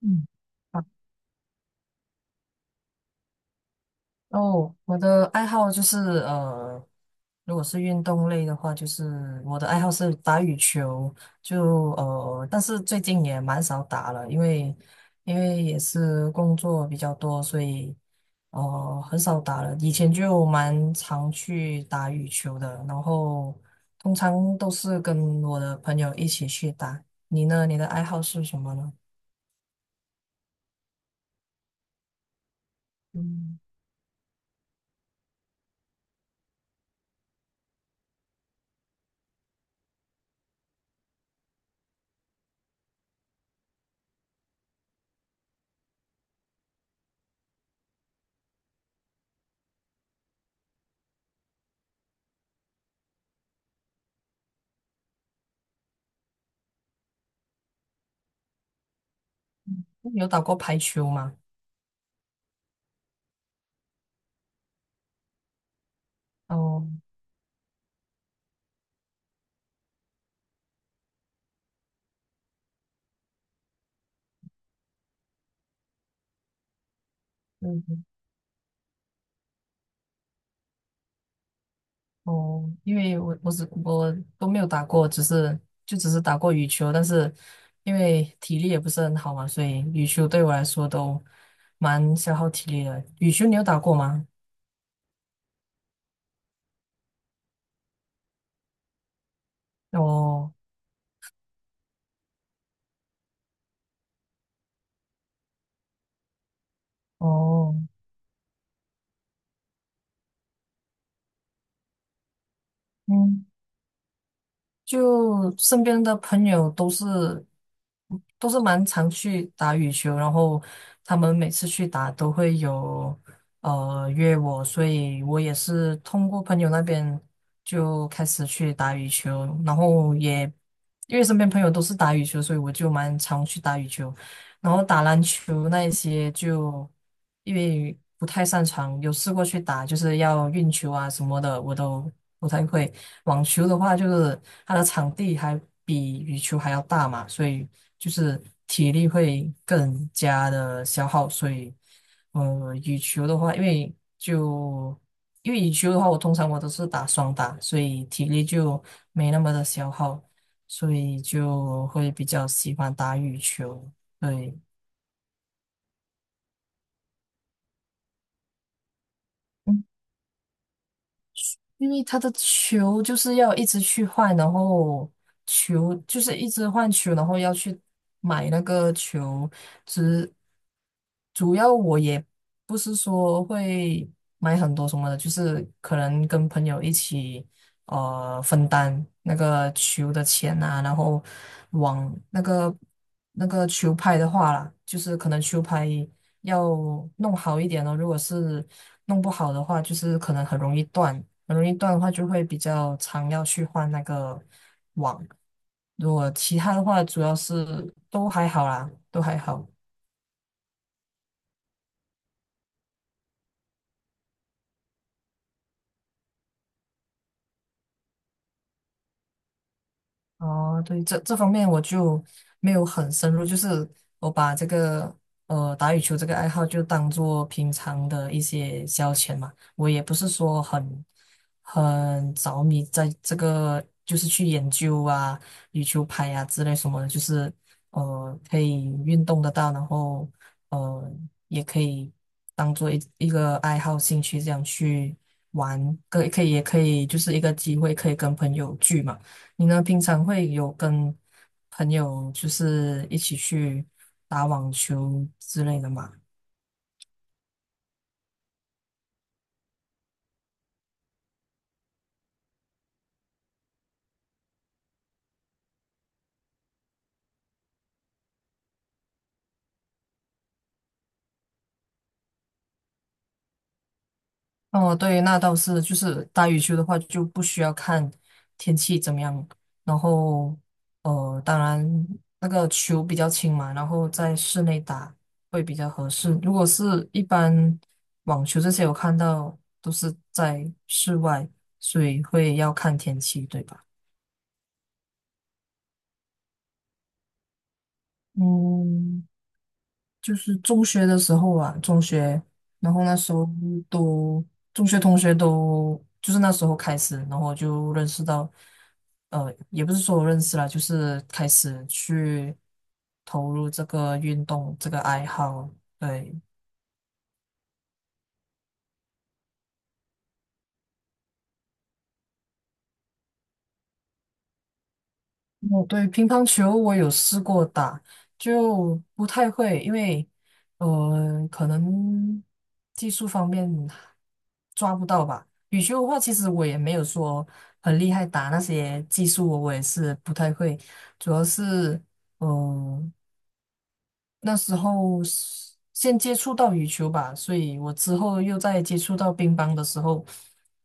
嗯，好。哦，我的爱好就是呃，如果是运动类的话，就是我的爱好是打羽球，就但是最近也蛮少打了，因为也是工作比较多，所以很少打了。以前就蛮常去打羽球的，然后通常都是跟我的朋友一起去打。你呢？你的爱好是什么呢？嗯，有打过排球吗？哦。嗯。哦，因为我都没有打过，只是打过羽球，但是因为体力也不是很好嘛，所以羽球对我来说都蛮消耗体力的。羽球你有打过吗？哦哦，嗯。就身边的朋友都是蛮常去打羽球，然后他们每次去打都会有约我，所以我也是通过朋友那边就开始去打羽球，然后也因为身边朋友都是打羽球，所以我就蛮常去打羽球。然后打篮球那一些就因为不太擅长，有试过去打，就是要运球啊什么的，我都不太会。网球的话，就是它的场地还比羽球还要大嘛，所以就是体力会更加的消耗。所以，羽球的话，因为羽球的话，我通常都是打双打，所以体力就没那么的消耗，所以就会比较喜欢打羽球。对，嗯因为他的球就是要一直去换，然后球就是一直换球，然后要去买那个球。只主要我也不是说会买很多什么的，就是可能跟朋友一起分担那个球的钱啊，然后往那个球拍的话啦，就是可能球拍。要弄好一点哦。如果是弄不好的话，就是可能很容易断，很容易断的话就会比较常要去换那个网。如果其他的话，主要是都还好啦，都还好。哦，对，这方面我就没有很深入，就是我把这个打羽球这个爱好就当做平常的一些消遣嘛，我也不是说很着迷在这个，就是去研究啊羽球拍啊之类什么的，就是可以运动得到，然后呃也可以当做一个爱好兴趣这样去玩，可以可以也可以就是一个机会可以跟朋友聚嘛。你呢，平常会有跟朋友就是一起去打网球之类的吗？哦，对，那倒是，就是打羽球的话就不需要看天气怎么样，然后当然那个球比较轻嘛，然后在室内打会比较合适。如果是一般网球这些，我看到都是在室外，所以会要看天气，对吧？嗯，就是中学的时候啊，中学，然后那时候都中学同学都就是那时候开始，然后就认识到，也不是说我认识了，就是开始去投入这个运动这个爱好，对，哦，对，乒乓球我有试过打，就不太会，因为可能技术方面抓不到吧。羽球的话，其实我也没有说很厉害，打那些技术我也是不太会，主要是嗯、呃那时候是先接触到羽球吧，所以我之后又在接触到乒乓的时候，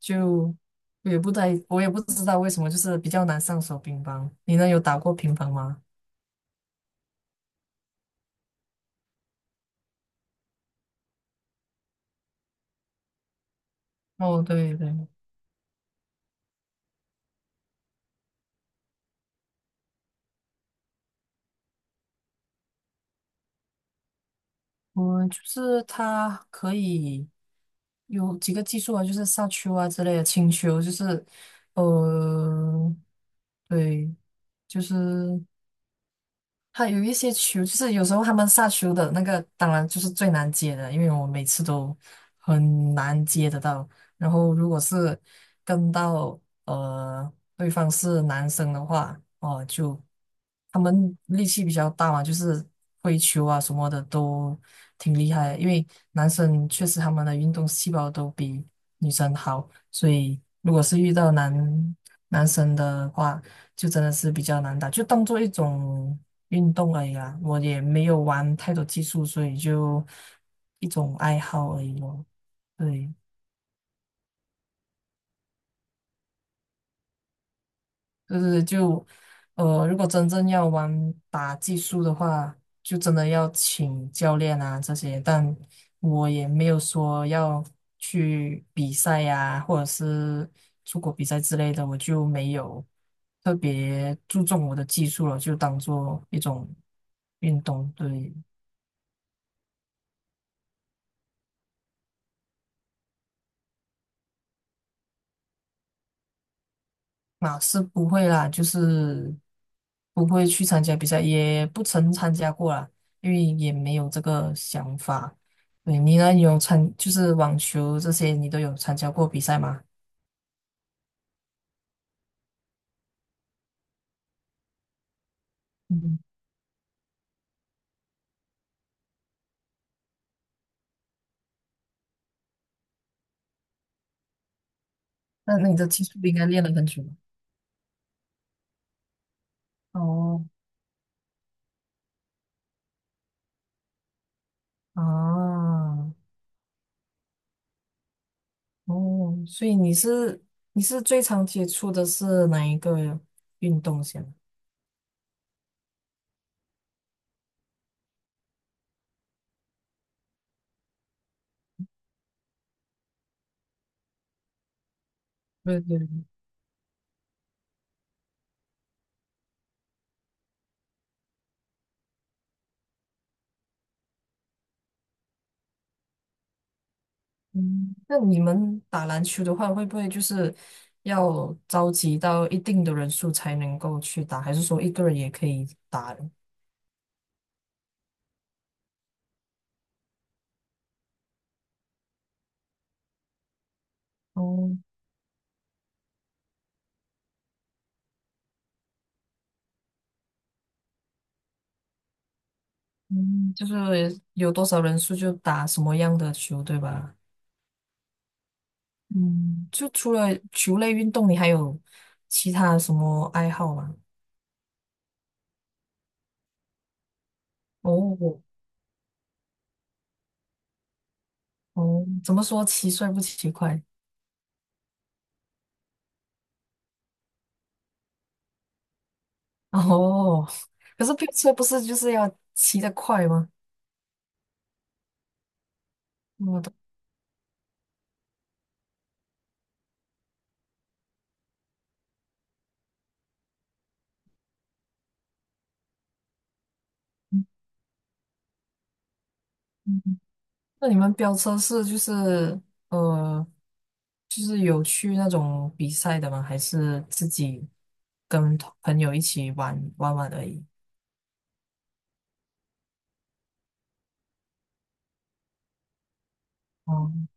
就我也不知道为什么，就是比较难上手乒乓。你呢，有打过乒乓吗？哦，对对，我就是它可以有几个技术啊，就是杀球啊之类的，轻球就是，呃，对，就是。还有一些球，就是有时候他们下球的那个，当然就是最难接的，因为我每次都很难接得到。然后如果是跟到呃对方是男生的话，哦、就他们力气比较大嘛，就是挥球啊什么的都挺厉害的，因为男生确实他们的运动细胞都比女生好，所以如果是遇到男生的话，就真的是比较难打，就当做一种运动而已啦。我也没有玩太多技术，所以就一种爱好而已咯。对。就是，如果真正要玩打技术的话，就真的要请教练啊这些。但我也没有说要去比赛呀、或者是出国比赛之类的，我就没有特别注重我的技术了，就当做一种运动，对。马是不会啦，就是不会去参加比赛，也不曾参加过啦，因为也没有这个想法。对，你呢？有参，就是网球这些，你都有参加过比赛吗？嗯，那你的技术不应该练了很久吧？哦，啊，哦，所以你是最常接触的是哪一个运动先？对对，嗯，那你们打篮球的话，会不会就是要召集到一定的人数才能够去打，还是说一个人也可以打的？哦，嗯，就是有多少人数就打什么样的球，对吧？嗯，就除了球类运动，你还有其他什么爱好吗？哦哦，怎么说骑帅不骑快？哦，可是飙车不是就是要骑得快吗？我的。那你们飙车是就是呃，就是有去那种比赛的吗？还是自己跟同朋友一起玩玩玩而已？哦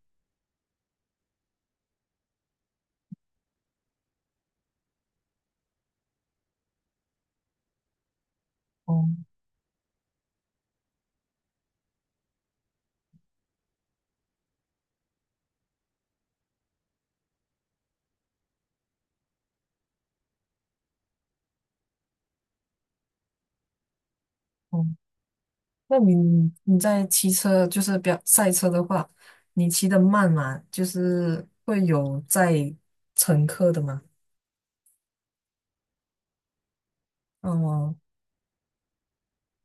哦哦，那你在骑车就是飙赛车的话，你骑得慢嘛，就是会有载乘客的吗？哦，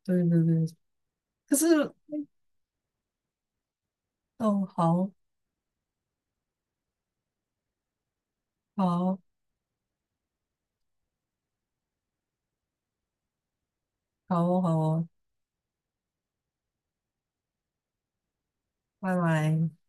对对对，可是哦，好，好好哦，好哦，拜拜。